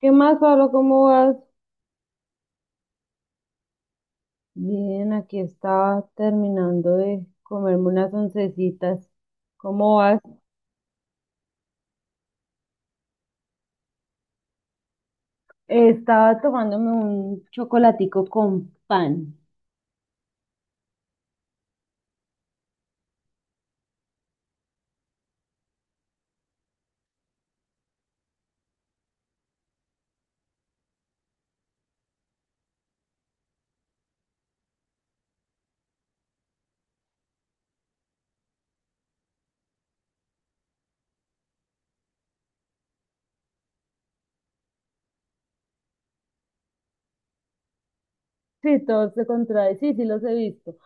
¿Qué más, Pablo? ¿Cómo vas? Bien, aquí estaba terminando de comerme unas oncecitas. ¿Cómo vas? Estaba tomándome un chocolatico con pan. Sí, todo se contrae. Sí, sí los he visto.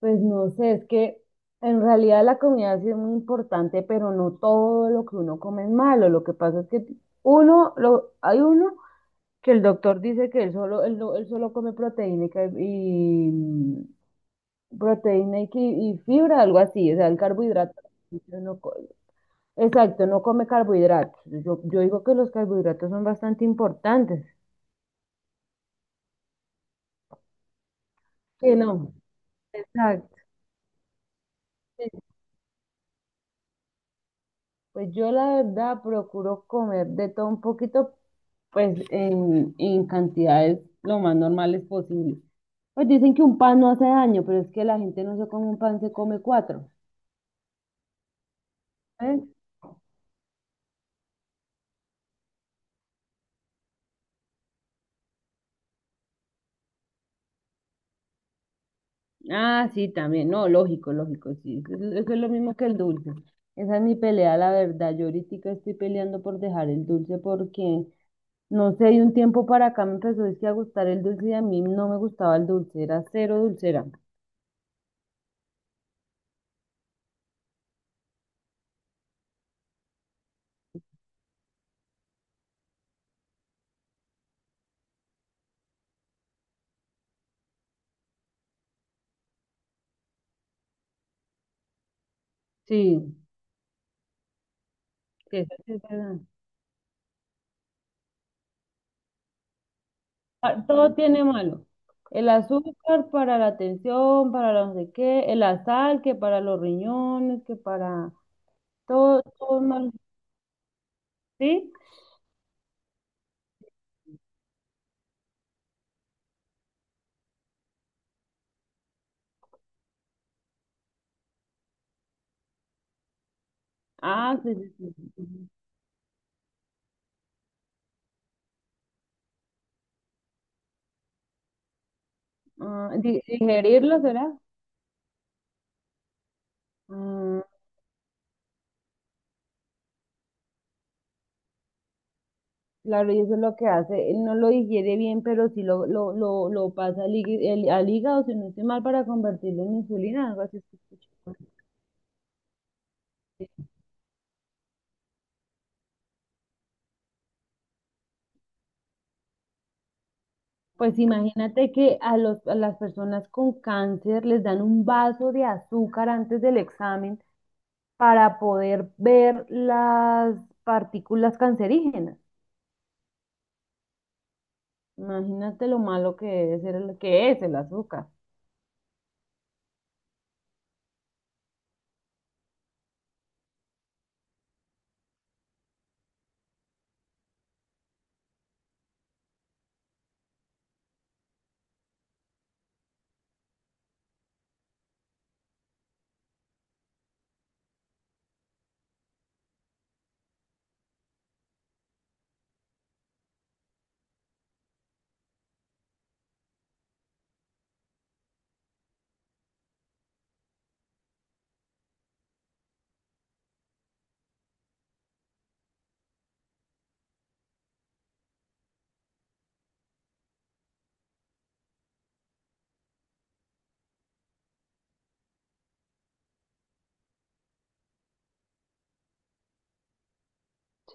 Pues no sé, es que en realidad la comida sí es muy importante, pero no todo lo que uno come es malo. Lo que pasa es que uno, lo, hay uno que el doctor dice que él solo, él, él solo come proteína y, y, proteína y, y fibra, algo así, o sea, el carbohidrato. Yo no co- exacto, no come carbohidratos. Yo digo que los carbohidratos son bastante importantes. Que no, exacto. Sí. Pues yo la verdad procuro comer de todo un poquito, pues en cantidades lo más normales posible. Pues dicen que un pan no hace daño, pero es que la gente no se come un pan, se come cuatro. ¿Eh? Ah, sí, también. No, lógico, lógico, sí. Eso es lo mismo que el dulce. Esa es mi pelea, la verdad. Yo ahorita estoy peleando por dejar el dulce porque, no sé, de un tiempo para acá me empezó es que, a gustar el dulce y a mí no me gustaba el dulce, era cero dulcera. Sí, sí, eso sí es verdad. Ah, todo tiene malo. El azúcar para la tensión, para la no sé qué, el azar, que para los riñones, que para todo, todo es malo. ¿Sí? Ah, sí, sí, sí. Ah, digerirlo, ¿será? Ah, claro, y eso es lo que hace. Él no lo digiere bien, pero sí lo pasa al, al hígado, si no estoy mal, para convertirlo en insulina, algo así. Es que escuché. Pues imagínate que a, los, a las personas con cáncer les dan un vaso de azúcar antes del examen para poder ver las partículas cancerígenas. Imagínate lo malo que es, que es el azúcar.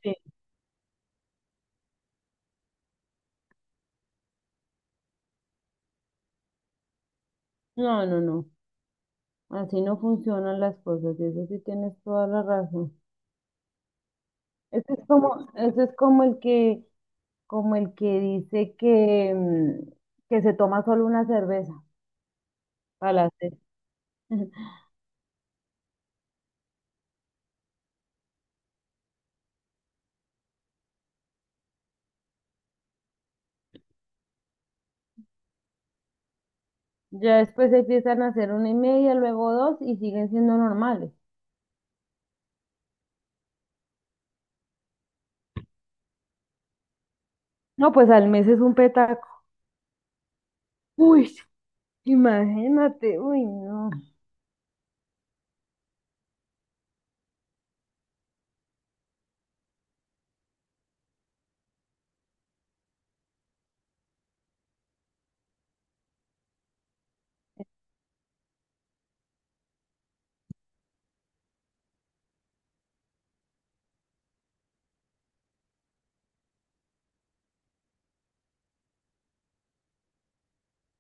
Sí. No, no, no. Así no funcionan las cosas, y eso sí tienes toda la razón. Ese es como el que dice que, que se toma solo una cerveza para la sed. Ya después empiezan a hacer una y media, luego dos, y siguen siendo normales. No, pues al mes es un petaco. Uy, imagínate, uy, no.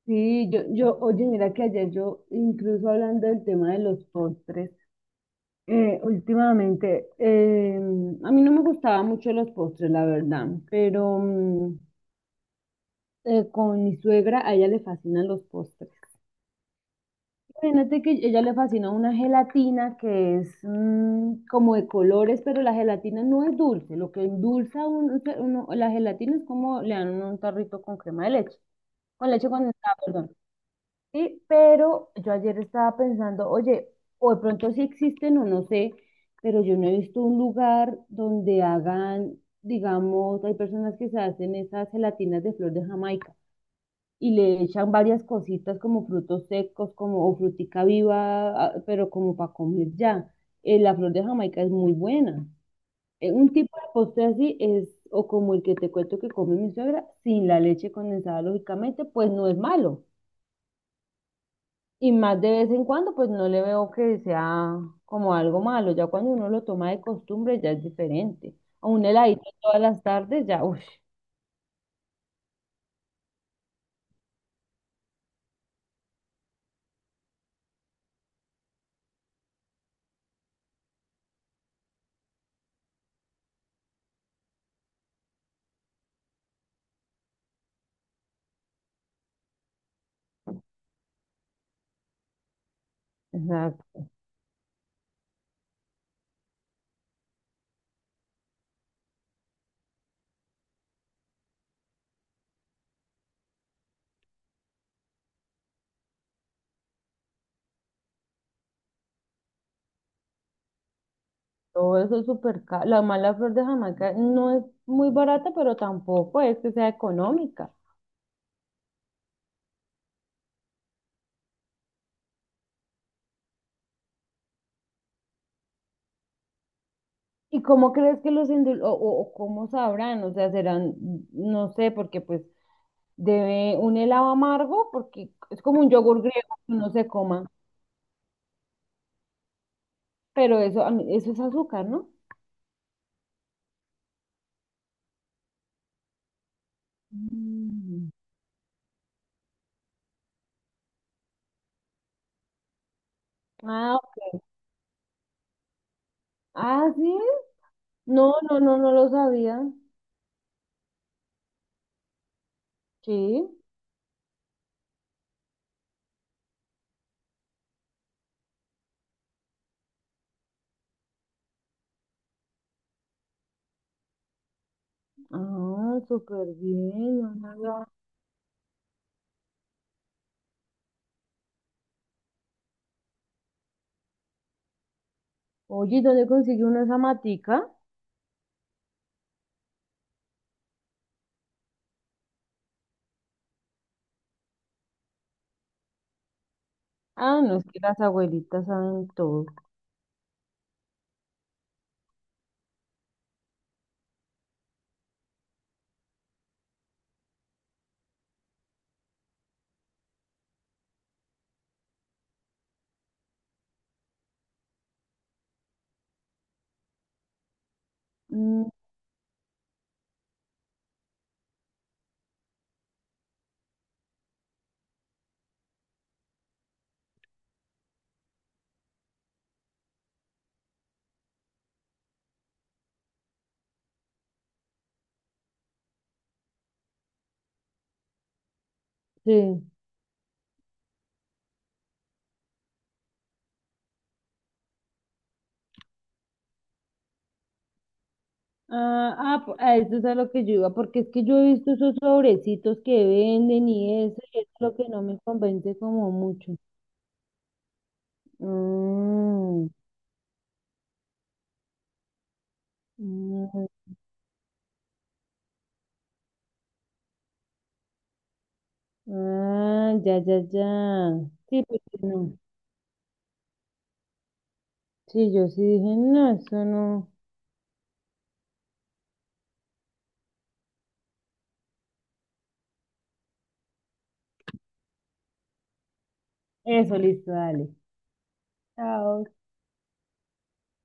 Sí, yo, oye, mira que ayer yo, incluso hablando del tema de los postres, últimamente, a mí no me gustaban mucho los postres, la verdad, pero con mi suegra a ella le fascinan los postres. Imagínate que ella le fascina una gelatina que es como de colores, pero la gelatina no es dulce. Lo que endulza la gelatina es como le dan un tarrito con crema de leche, con leche condensada, perdón. Sí, pero yo ayer estaba pensando, oye, o de pronto sí existen o no sé, pero yo no he visto un lugar donde hagan, digamos, hay personas que se hacen esas gelatinas de flor de Jamaica y le echan varias cositas como frutos secos, como o frutica viva, ah, pero como para comer ya. La flor de Jamaica es muy buena. Un tipo de postre así es, o como el que te cuento que come mi suegra, sin la leche condensada, lógicamente, pues no es malo. Y más de vez en cuando, pues no le veo que sea como algo malo. Ya cuando uno lo toma de costumbre, ya es diferente. A un heladito todas las tardes, ya, uff, exacto, todo eso es súper caro. La mala flor de Jamaica no es muy barata, pero tampoco es que sea económica. ¿Y cómo crees que los o cómo sabrán? O sea, serán, no sé, porque pues debe un helado amargo, porque es como un yogur griego que uno se coma, pero eso, eso es azúcar, ¿no? Mm. Ah, ok. Ah, sí. No, no, no, no lo sabía. Sí. Ah, súper bien. No sabía. Oye, ¿y dónde consiguió una zamatica? Ah, no, es que las abuelitas saben todo. Mm, sí. Ah, ah, a eso es a lo que yo iba, porque es que yo he visto esos sobrecitos que venden y eso, y es lo que no me convence como mucho. Mm, mm, ah, ya, ya, ya. Sí, porque no. Sí, yo sí dije, no, eso no. Eso, listo, dale. Chao.